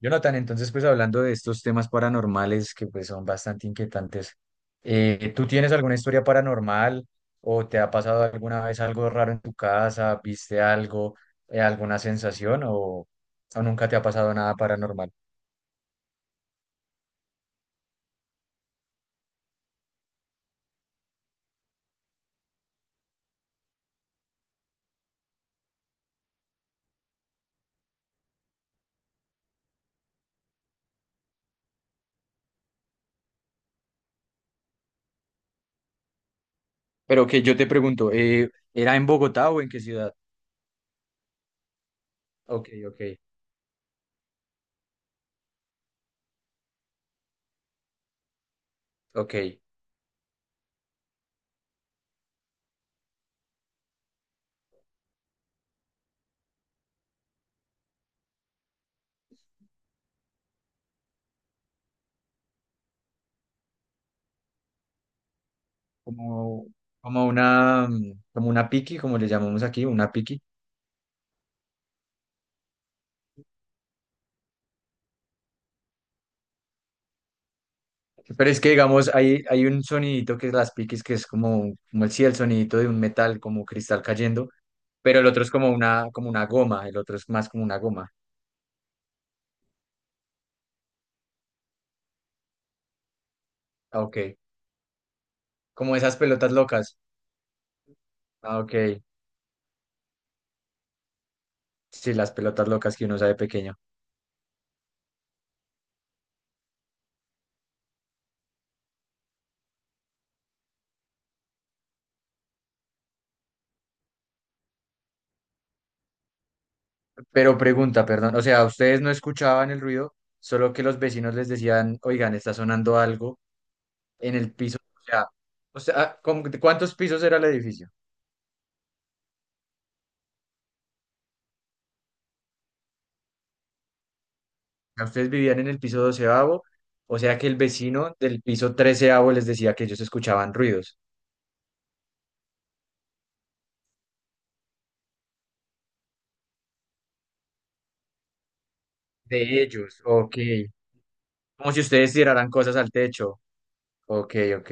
Jonathan, entonces pues hablando de estos temas paranormales que pues son bastante inquietantes, ¿tú tienes alguna historia paranormal o te ha pasado alguna vez algo raro en tu casa? ¿Viste algo, alguna sensación o nunca te ha pasado nada paranormal? Pero que yo te pregunto, ¿era en Bogotá o en qué ciudad? Ok, ok, ok. Como, como una piqui, como le llamamos aquí, una piqui. Pero es que, digamos, hay un sonidito que es las piques, que es como el, sí, el sonidito de un metal, como cristal cayendo, pero el otro es como una goma, el otro es más como una goma. Ah, ok. Como esas pelotas locas. Ah, ok. Sí, las pelotas locas que uno sabe pequeño. Pero pregunta, perdón, o sea, ustedes no escuchaban el ruido, solo que los vecinos les decían, oigan, está sonando algo en el piso. O sea, ¿cuántos pisos era el edificio? Sea, ustedes vivían en el piso 12.º, o sea que el vecino del piso 13.º les decía que ellos escuchaban ruidos. De ellos, ok. Como si ustedes tiraran cosas al techo. Ok, ok.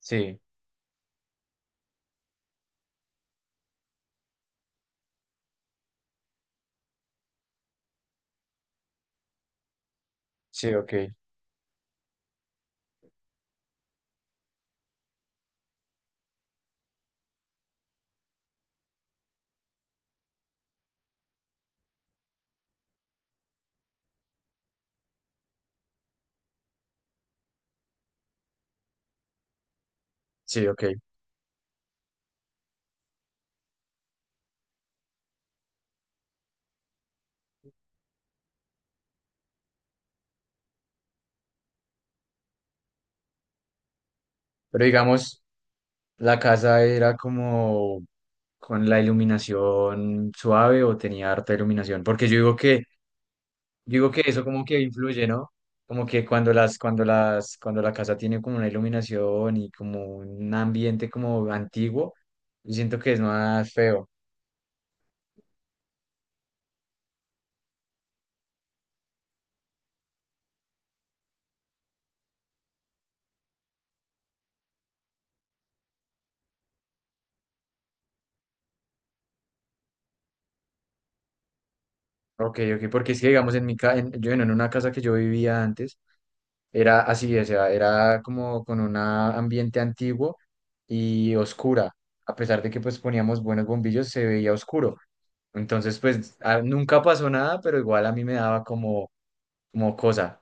Sí, sí, ok. Sí, ok. Pero digamos, la casa era como con la iluminación suave o tenía harta iluminación. Porque yo digo que eso como que influye, ¿no? Como que cuando la casa tiene como una iluminación y como un ambiente como antiguo, yo siento que es más feo. Ok, ok, porque es que digamos en mi casa yo bueno, en una casa que yo vivía antes, era así, o sea, era como con un ambiente antiguo y oscura. A pesar de que pues poníamos buenos bombillos, se veía oscuro. Entonces, pues nunca pasó nada, pero igual a mí me daba como cosa.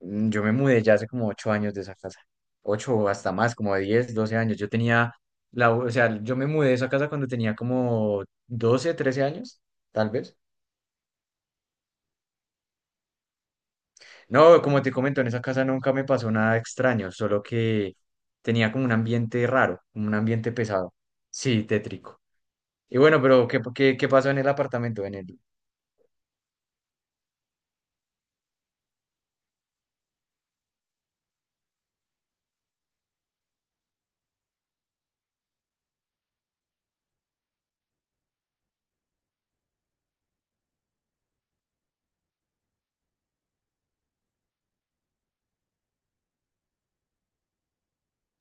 Yo me mudé ya hace como 8 años de esa casa. Ocho o hasta más, como de 10 12 años. O sea, yo me mudé de esa casa cuando tenía como 12 13 años, tal vez. No, como te comento, en esa casa nunca me pasó nada extraño, solo que tenía como un ambiente raro, como un ambiente pesado. Sí, tétrico. Y bueno, pero ¿qué pasó en el apartamento?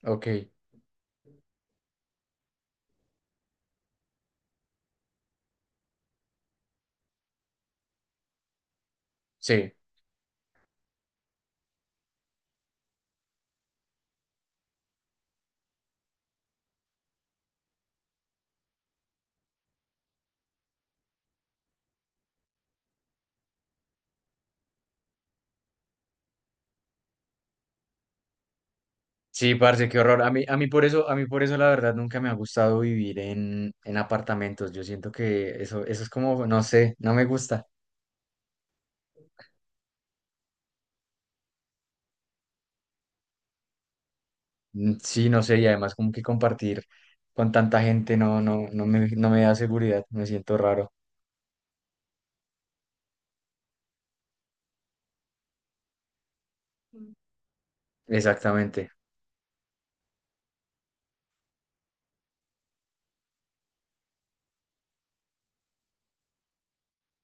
Ok, sí. Sí, parce, qué horror. A mí por eso la verdad nunca me ha gustado vivir en apartamentos. Yo siento que eso es como, no sé, no me gusta. Mm, sí, no sé, y además como que compartir con tanta gente no, no, no me da seguridad, me siento raro. Exactamente.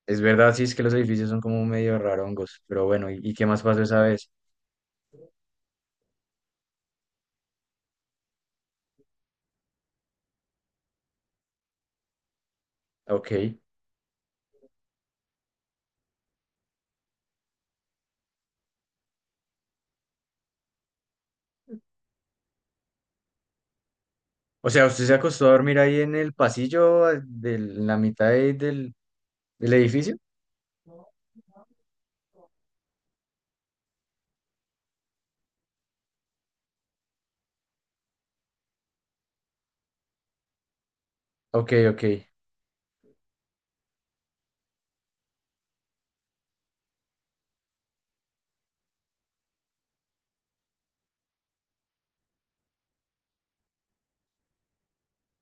Es verdad, sí, es que los edificios son como medio rarongos, pero bueno, ¿y qué más pasó esa vez? Ok. O sea, ¿usted se acostó a dormir ahí en el pasillo, de la mitad del edificio? Ok, ok.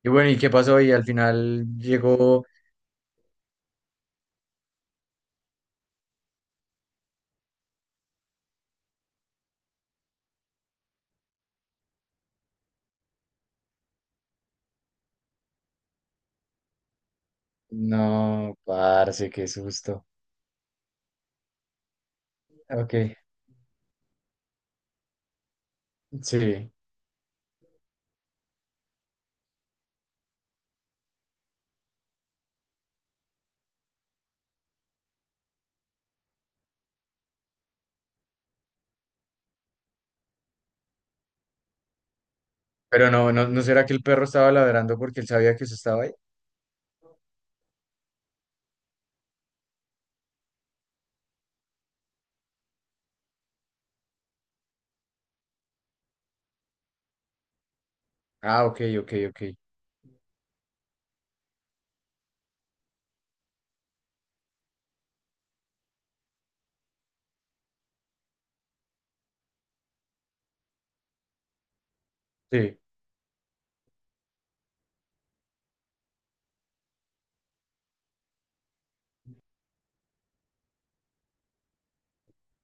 Y bueno, ¿y qué pasó? Y al final llegó. No, parce, qué susto. Ok, sí. Pero no, no, ¿no será que el perro estaba ladrando porque él sabía que usted estaba ahí? Ah, ok, ok, ok. Sí.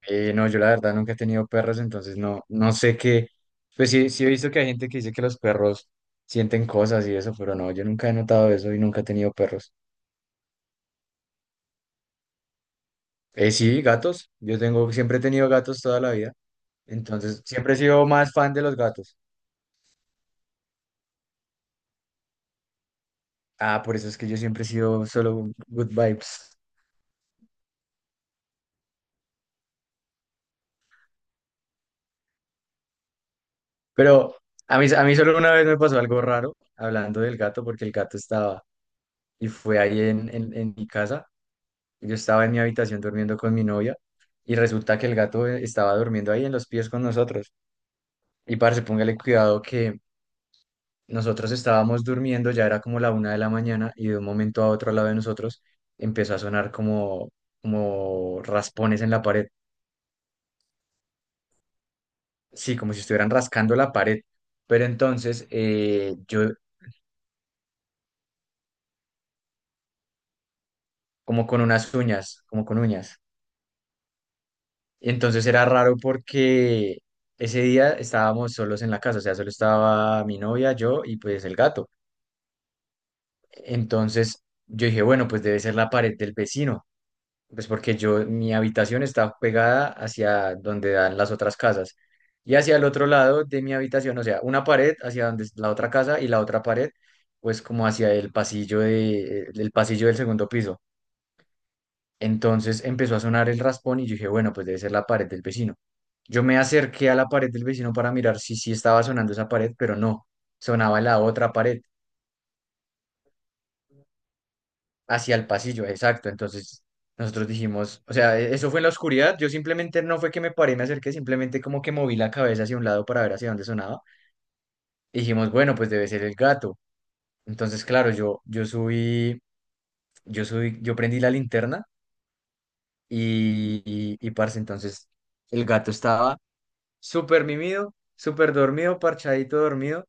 No, yo la verdad nunca he tenido perros, entonces no, no sé qué. Pues sí, sí he visto que hay gente que dice que los perros sienten cosas y eso, pero no, yo nunca he notado eso y nunca he tenido perros. Sí, gatos. Siempre he tenido gatos toda la vida. Entonces, siempre he sido más fan de los gatos. Ah, por eso es que yo siempre he sido solo good vibes. Pero a mí solo una vez me pasó algo raro hablando del gato, porque el gato estaba y fue ahí en mi casa. Yo estaba en mi habitación durmiendo con mi novia y resulta que el gato estaba durmiendo ahí en los pies con nosotros. Y parce, póngale cuidado que nosotros estábamos durmiendo, ya era como la 1 de la mañana y de un momento a otro al lado de nosotros empezó a sonar como raspones en la pared. Sí, como si estuvieran rascando la pared. Pero entonces, como con unas uñas, como con uñas. Y entonces era raro porque ese día estábamos solos en la casa, o sea, solo estaba mi novia, yo y pues el gato. Entonces yo dije, bueno, pues debe ser la pared del vecino. Pues porque mi habitación está pegada hacia donde dan las otras casas. Y hacia el otro lado de mi habitación, o sea, una pared hacia donde es la otra casa y la otra pared, pues como hacia el pasillo del segundo piso. Entonces empezó a sonar el raspón y yo dije, bueno, pues debe ser la pared del vecino. Yo me acerqué a la pared del vecino para mirar si sí estaba sonando esa pared, pero no, sonaba la otra pared. Hacia el pasillo, exacto. Entonces nosotros dijimos, o sea, eso fue en la oscuridad. Yo simplemente no fue que me paré, me acerqué, simplemente como que moví la cabeza hacia un lado para ver hacia dónde sonaba. Y dijimos, bueno, pues debe ser el gato. Entonces, claro, yo subí, yo prendí la linterna y, parce, entonces el gato estaba súper mimido, súper dormido, parchadito dormido.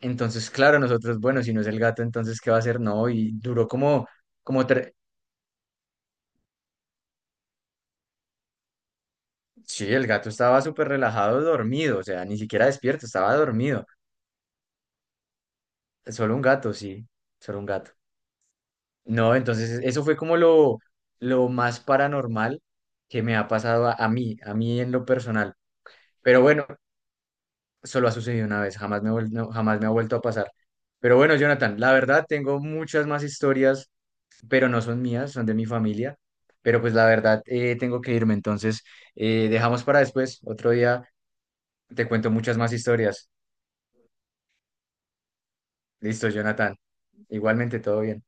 Entonces, claro, nosotros, bueno, si no es el gato, entonces, ¿qué va a hacer? No, y duró como. Sí, el gato estaba súper relajado, dormido, o sea, ni siquiera despierto, estaba dormido. Solo un gato, sí, solo un gato. No, entonces eso fue como lo más paranormal que me ha pasado a mí en lo personal. Pero bueno, solo ha sucedido una vez, jamás no, jamás me ha vuelto a pasar. Pero bueno, Jonathan, la verdad tengo muchas más historias, pero no son mías, son de mi familia. Pero pues la verdad tengo que irme, entonces dejamos para después, otro día te cuento muchas más historias. Listo, Jonathan. Igualmente, todo bien.